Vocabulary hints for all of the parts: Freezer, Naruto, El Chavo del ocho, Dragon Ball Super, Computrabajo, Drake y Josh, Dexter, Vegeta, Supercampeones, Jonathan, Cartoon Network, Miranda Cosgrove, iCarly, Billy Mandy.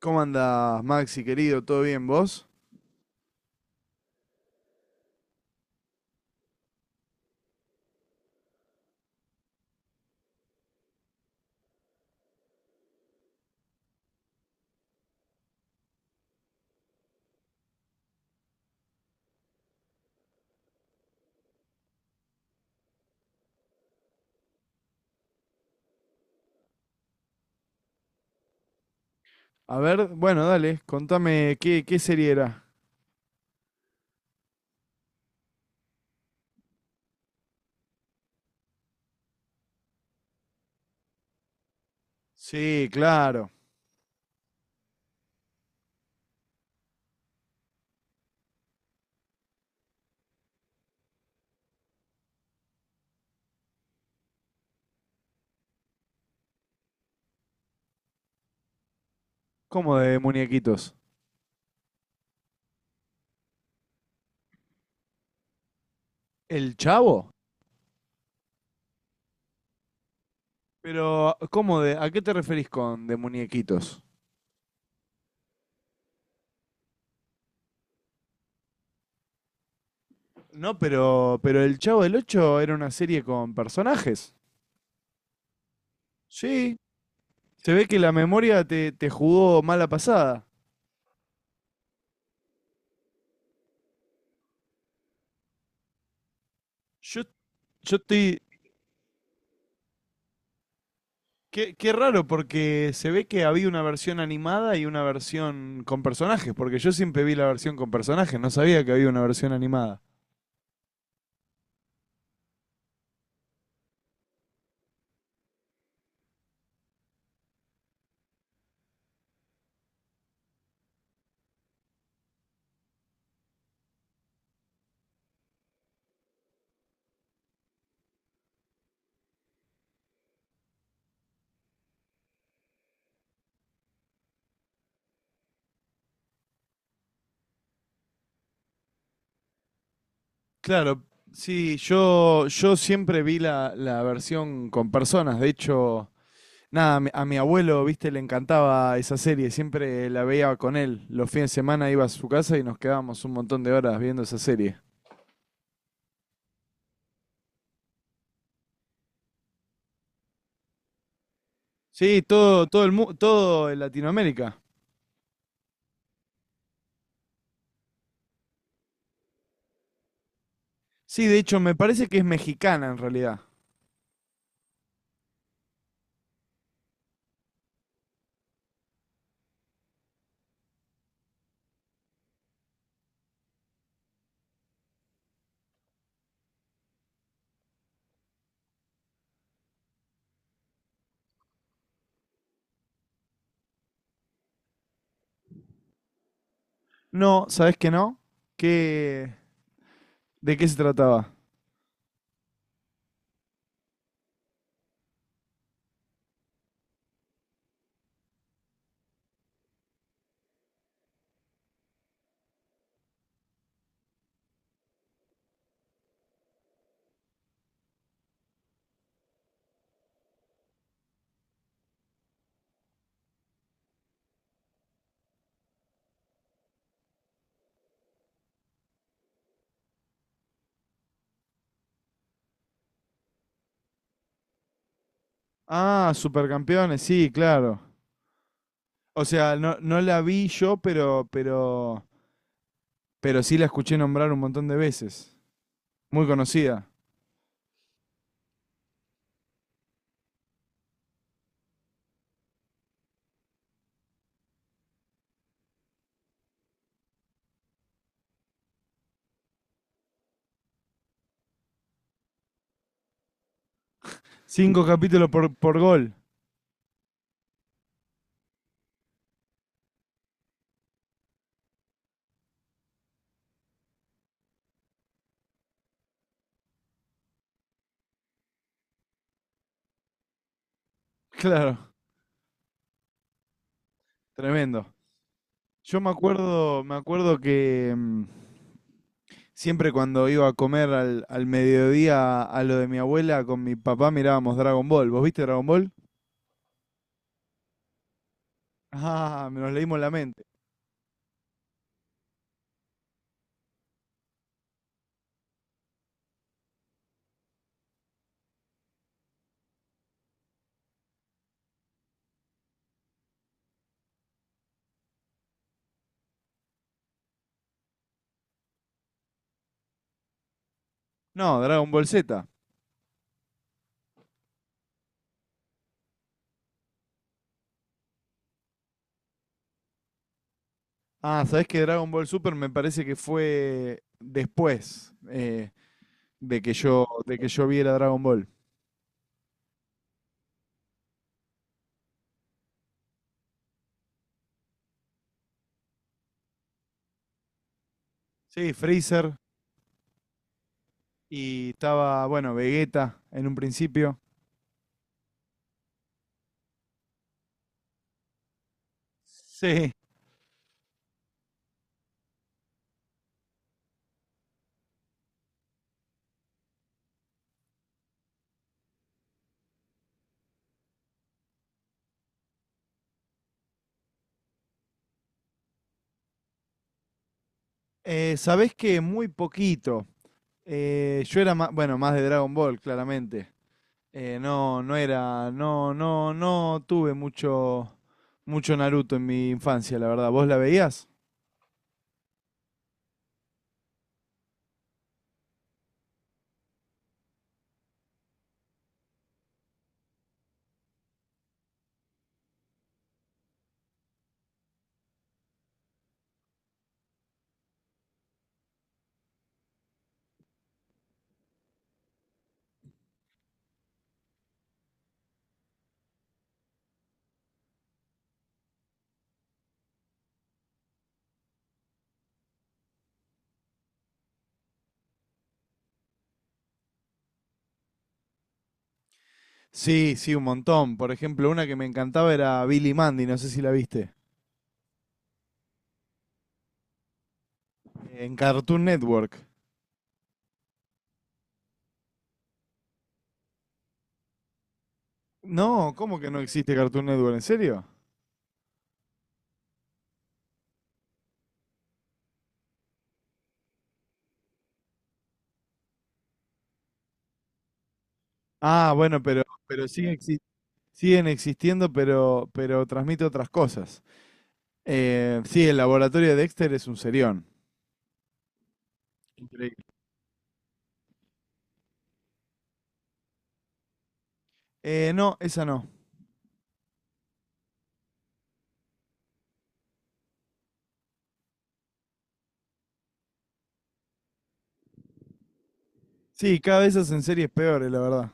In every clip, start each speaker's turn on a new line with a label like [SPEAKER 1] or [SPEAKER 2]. [SPEAKER 1] ¿Cómo andás, Maxi, querido? ¿Todo bien vos? A ver, bueno, dale, contame qué serie era. Sí, claro. ¿Cómo de muñequitos? ¿El Chavo? Pero, ¿a qué te referís con de muñequitos? No, pero El Chavo del ocho era una serie con personajes. Sí. Se ve que la memoria te jugó mala pasada. Yo, yo estoy, qué raro, porque se ve que había una versión animada y una versión con personajes, porque yo siempre vi la versión con personajes, no sabía que había una versión animada. Claro, sí, yo siempre vi la versión con personas. De hecho, nada, a mi abuelo, viste, le encantaba esa serie, siempre la veía con él, los fines de semana iba a su casa y nos quedábamos un montón de horas viendo esa serie. Sí, todo, todo en Latinoamérica. Sí, de hecho, me parece que es mexicana en realidad. No, ¿sabés que no? Qué, ¿de qué se trataba? Ah, Supercampeones, sí, claro. O sea, no, no la vi yo, pero sí la escuché nombrar un montón de veces. Muy conocida. Cinco capítulos por gol. Claro, tremendo. Me acuerdo que siempre cuando iba a comer al mediodía a lo de mi abuela con mi papá mirábamos Dragon Ball. ¿Vos viste Dragon Ball? Ah, nos leímos la mente. No, Dragon Ball Z. Ah, ¿sabés que Dragon Ball Super me parece que fue después, de que yo viera Dragon Ball? Sí, Freezer y estaba, bueno, Vegeta en un principio. Sí. ¿Sabés que muy poquito? Yo era más, bueno, más de Dragon Ball, claramente. No, no era, no, no, no tuve mucho Naruto en mi infancia, la verdad. ¿Vos la veías? Sí, sí, un montón. Por ejemplo, una que me encantaba era Billy Mandy, no sé si la viste. En Cartoon Network. No, ¿cómo que no existe Cartoon Network? ¿En serio? Ah, bueno, pero, siguen existiendo, pero transmite otras cosas. Sí, el laboratorio de Dexter es un serión. Increíble. No, esa no. Sí, cada vez hacen series peores, la verdad.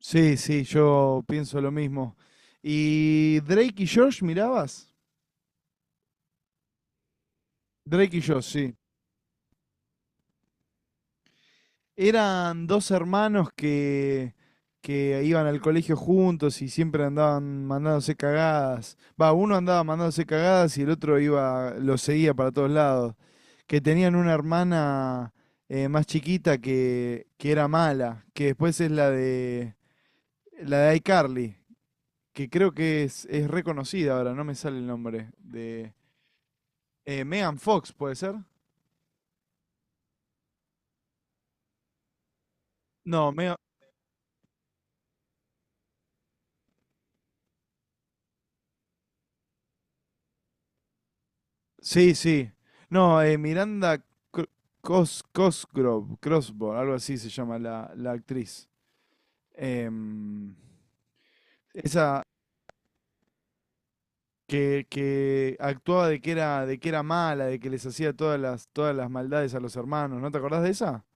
[SPEAKER 1] Sí, sí, yo pienso lo mismo. ¿Y Drake y Josh mirabas? Drake y Josh, sí. Eran dos hermanos que iban al colegio juntos y siempre andaban mandándose cagadas. Va, uno andaba mandándose cagadas y el otro iba, lo seguía para todos lados. Que tenían una hermana, más chiquita que era mala, que después es la de iCarly, que creo que es reconocida ahora, no me sale el nombre. De Megan Fox, ¿puede ser? No, me Sí, sí. No, Miranda Cro- Cosgrove, Crossbow, algo así se llama la actriz. Em, esa que actuaba de que era mala, de que les hacía todas todas las maldades a los hermanos. ¿No te acordás de esa?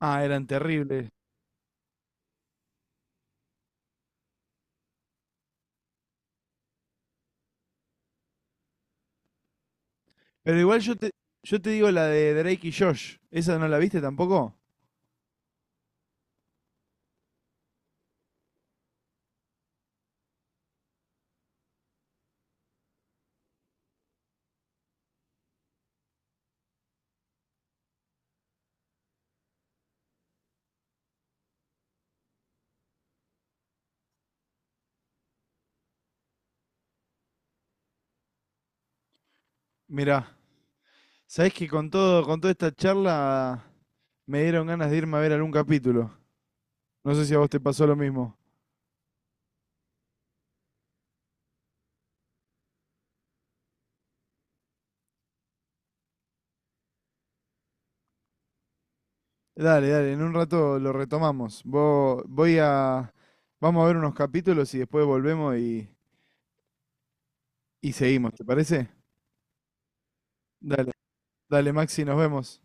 [SPEAKER 1] Ah, eran terribles. Pero igual yo te digo la de Drake y Josh. ¿Esa no la viste tampoco? Mirá, sabés que con toda esta charla me dieron ganas de irme a ver algún capítulo. No sé si a vos te pasó lo mismo. Dale, dale, en un rato lo retomamos. Voy a... Vamos a ver unos capítulos y después volvemos y seguimos, ¿te parece? Dale, dale, Maxi, nos vemos.